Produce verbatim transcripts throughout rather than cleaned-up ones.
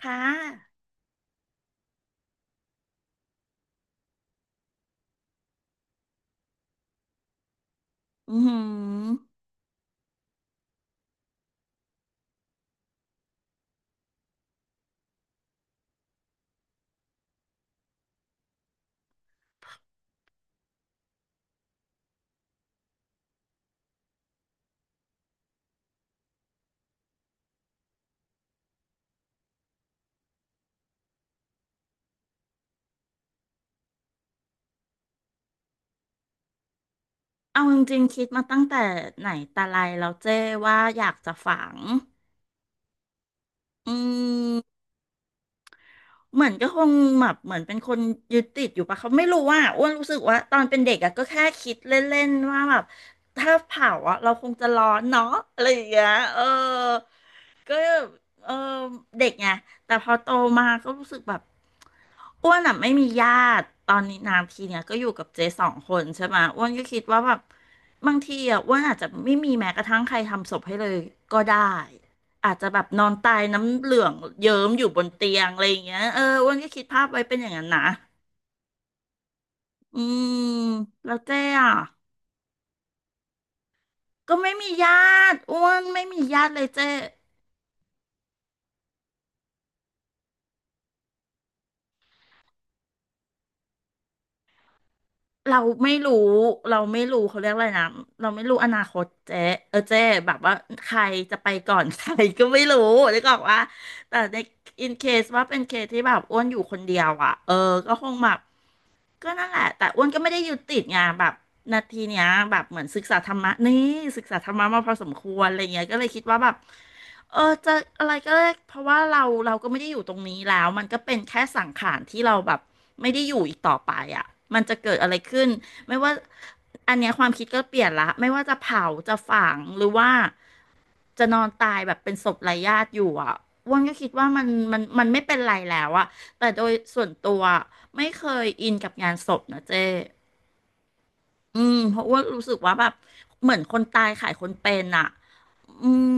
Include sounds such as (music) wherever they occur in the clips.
ค่ะอือหือเอาจริงๆคิดมาตั้งแต่ไหนแต่ไรแล้วเจ้ว่าอยากจะฝัง อืมเหมือนก็คงแบบเหมือนเป็นคนยึดติดอยู่ปะเขาไม่รู้ว่าอ้วนรู้สึกว่าตอนเป็นเด็กอะก็แค่คิดเล่นๆว่าแบบถ้าเผาอะเราคงจะร้อนเนาะอะไรอย่างเงี้ยเออ ก็เออเด็กไงแต่พอโตมาก็รู้สึกแบบอ้วนอ่ะไม่มีญาติตอนนี้นานทีเนี่ยก็อยู่กับเจ๊สองคนใช่ไหมอ้วนก็คิดว่าแบบบางทีอ่ะอ้วนอาจจะไม่มีแม้กระทั่งใครทำศพให้เลยก็ได้อาจจะแบบนอนตายน้ำเหลืองเยิ้มอยู่บนเตียงอะไรอย่างเงี้ยเอออ้วนก็คิดภาพไว้เป็นอย่างนั้นนะอืมแล้วเจ๊อ่ะก็ไม่มีญาติอ้วนไม่มีญาติเลยเจ๊ เราไม่รู้เราไม่รู้เขาเรียกอะไรนะเราไม่รู้อนาคตเจ๊เออเจ๊แบบว่าใครจะไปก่อน (laughs) ใครก็ไม่รู้นึกออกว่าแต่ในอินเคสว่าเป็นเคสที่แบบอ้วนอยู่คนเดียวอ่ะเออก็คงแบบก็นั่นแหละแต่อ้วนก็ไม่ได้ยึดติดไงแบบนาทีเนี้ยแบบเหมือนศึกษาธรรมะนี่ศึกษาธรรมะมาพอสมควรอะไรเงี้ยก็เลยคิดว่าแบบ เออจะอะไรก็ได้เพราะว่าเราเราก็ไม่ได้อยู่ตรงนี้แล้วมันก็เป็นแค่สังขารที่เราแบบไม่ได้อยู่อีกต่อไปอ่ะมันจะเกิดอะไรขึ้นไม่ว่าอันเนี้ยความคิดก็เปลี่ยนละไม่ว่าจะเผาจะฝังหรือว่าจะนอนตายแบบเป็นศพไร้ญาติอยู่อ่ะอ้วนก็คิดว่ามันมันมันไม่เป็นไรแล้วอ่ะแต่โดยส่วนตัวไม่เคยอินกับงานศพนะเจ้ อืมเพราะว่ารู้สึกว่าแบบเหมือนคนตายขายคนเป็นอ่ะอืม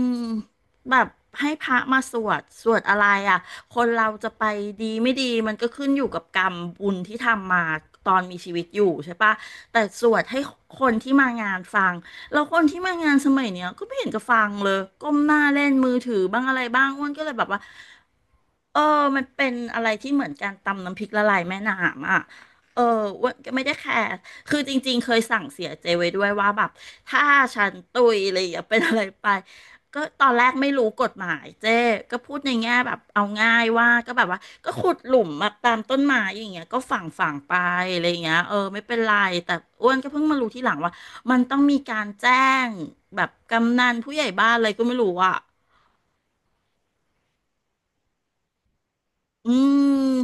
แบบให้พระมาสวดสวดอะไรอ่ะคนเราจะไปดีไม่ดีมันก็ขึ้นอยู่กับกรรมบุญที่ทำมาตอนมีชีวิตอยู่ใช่ปะแต่สวดให้คนที่มางานฟังแล้วคนที่มางานสมัยเนี้ยก็ไม่เห็นจะฟังเลยก้มหน้าเล่นมือถือบ้างอะไรบ้างอ้วนก็เลยแบบว่าเออมันเป็นอะไรที่เหมือนการตำน้ำพริกละลายแม่น้ำอ่ะเอออ้วนก็ไม่ได้แคร์ คือจริงๆ เคยสั่งเสียเจไว้ด้วยว่าแบบถ้าฉันตุยอะไรอย่างเงี้ยเป็นอะไรไปก็ตอนแรกไม่รู้กฎหมายเจ๊ก็พูดในแง่แบบเอาง่ายว่าก็แบบว่าก็ขุดหลุมมาตามต้นไม้อย่างเงี้ยก็ฝังฝังไปอะไรอย่างเงี้ยเออไม่เป็นไรแต่อ้วนก็เพิ่งมารู้ทีหลังว่ามันต้องมีการแจ้งแบบกำนันผู้ใหญ่บ้านอะไรก็ไม่รู้อ่ะอืม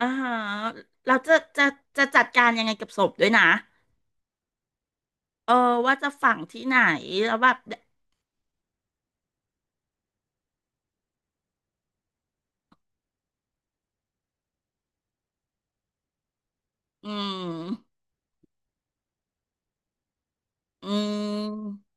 อ่าฮะเราจะจะจะจัดการยังไงกับศพด้วยนะเออว่าจะฝังที่ไหนแล้วแบบอืม อืม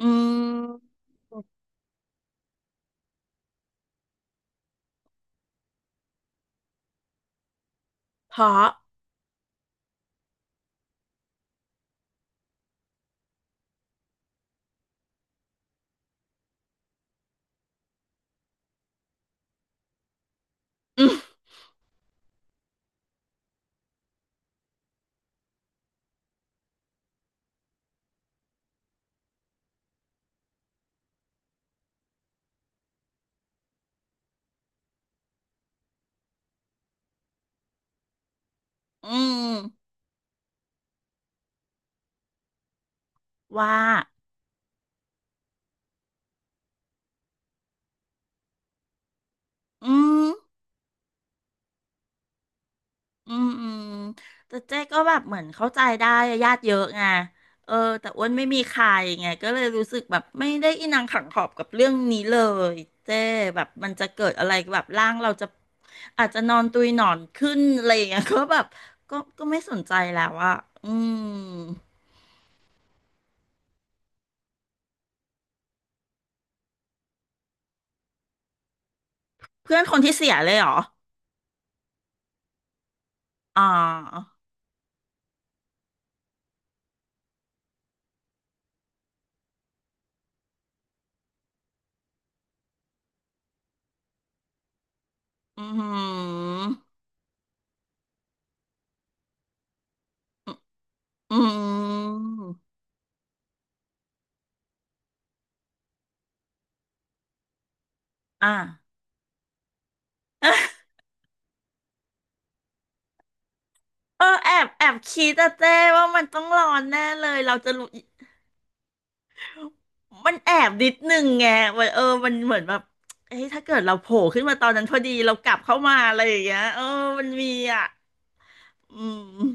อืมเพราะอืมอืมว่าอืมอืมอืมแต่เจ๊ก็แบบเหมือนเข้าใจได้อะญาติเยอะไงเออแต่อ้วนไม่มีใครไงก็เลยรู้สึกแบบไม่ได้อินังขังขอบกับเรื่องนี้เลยเจ๊แบบมันจะเกิดอะไรแบบร่างเราจะอาจจะนอนตุยหนอนขึ้นอะไรอย่างเงี้ย (laughs) ก็แบบก็ก็ไม่สนใจแล้วอะอืมเพื่อนคนที่เสียเลยเหรออ๋ออือหือ อืม อ่ะ (laughs) เออแอบแอบคิดอะเจ้ว่ามันต้องร้อนแน่เลยเราจะรู้ มันแอบนิดนึงไงวัเออ มันเหมือนแบบเอ้ยถ้าเกิดเราโผล่ขึ้นมาตอนนั้นพอดีเรากลับเข้ามาอะไรอย่างเงี้ยเออ มันมีอ่ะ อืม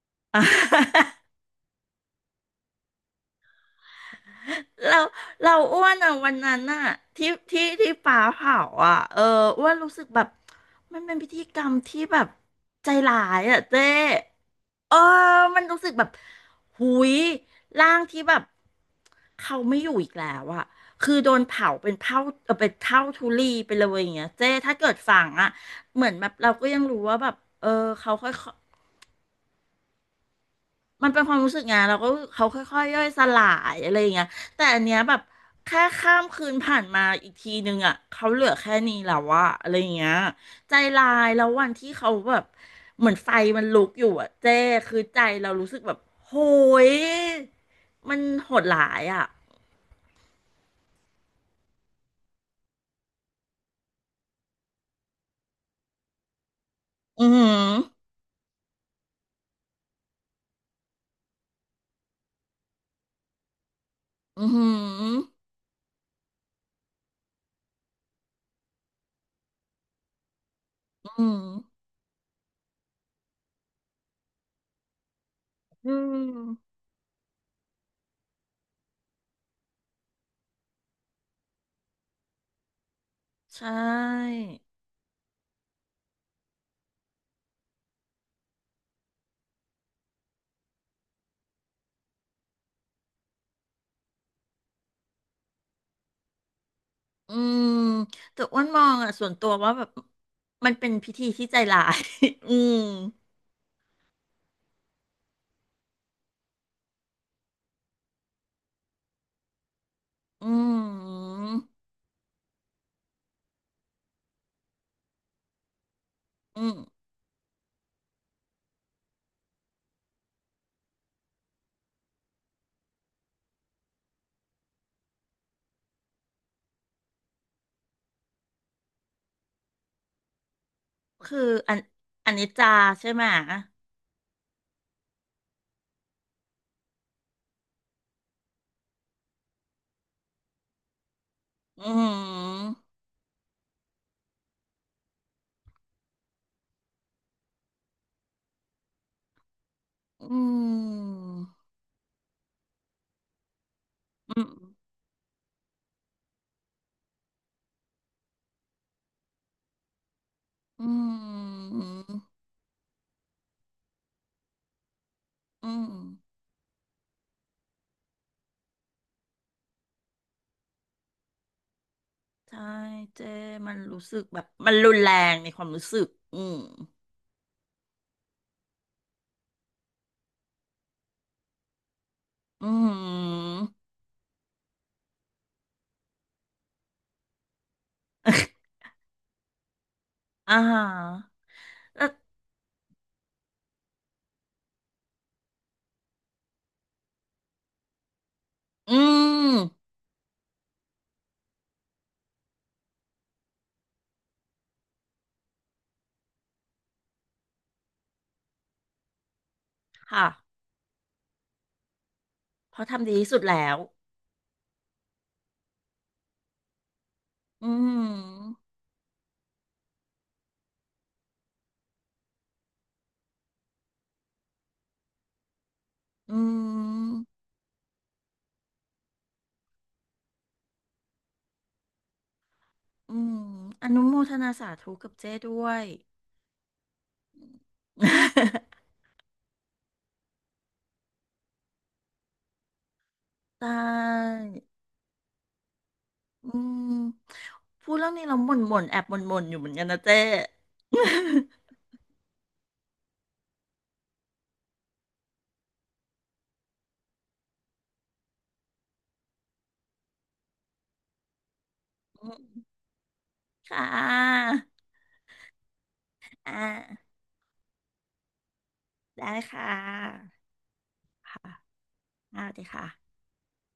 (laughs) อ่ะ เราเราอ้วนอ่ะวันนั้นอ่ะที่ที่ที่ป่าเผาอ่ะเอออ้วนรู้สึกแบบมันเป็นพิธีกรรมที่แบบใจร้ายอ่ะเจ้เออมันรู้สึกแบบหุยร่างที่แบบเขาไม่อยู่อีกแล้วอ่ะคือโดนเผาเป็นเท่าเออเป็นเท่าทุลีไปเลยอย่างเงี้ยเจ้ถ้าเกิดฝังอ่ะเหมือนแบบเราก็ยังรู้ว่าแบบเออเขาค่อย มันเป็นความรู้สึกไงเราก็เขาค่อยๆย่อยสลายอะไรอย่างเงี้ยแต่อันเนี้ยแบบแค่ข้ามคืนผ่านมาอีกทีนึงอ่ะเขาเหลือแค่นี้แล้วอะอะไรอย่างเงี้ยใจลายแล้ววันที่เขาแบบเหมือนไฟมันลุกอยู่อะเจ้คือใจเรารู้สึกแบบโหยมันโหดหลายอ่ะอือหืออือหืออือหืออืมใช่อืมแต่อ้วนมองอ่ะส่วนตัวว่าแบบมันเป็นพิธีที่ใจร้าย (laughs) อืม อืมอืมคืออันอันนี้จาใช่ไหมอืมอืมอืมอืมอืมใช่เจมันรู้สึกแบบมันรุนแรงในความรู้สึกอืมอืม (laughs) อ่าฮะแล้วอืมค่ะเพราะทำดีที่สุดแล้วอืมอืมอืมอนุโมทนาสาธุกับเจ้ด้วย ใช่อืมพูดเรื่องนี้เราบ่นบ่นแอบบ่นบ่นอยู่เหมือนกันนะเจ๊ (laughs) ค่ะอ่าได้ค่ะค่ะอ่าดีค่ะ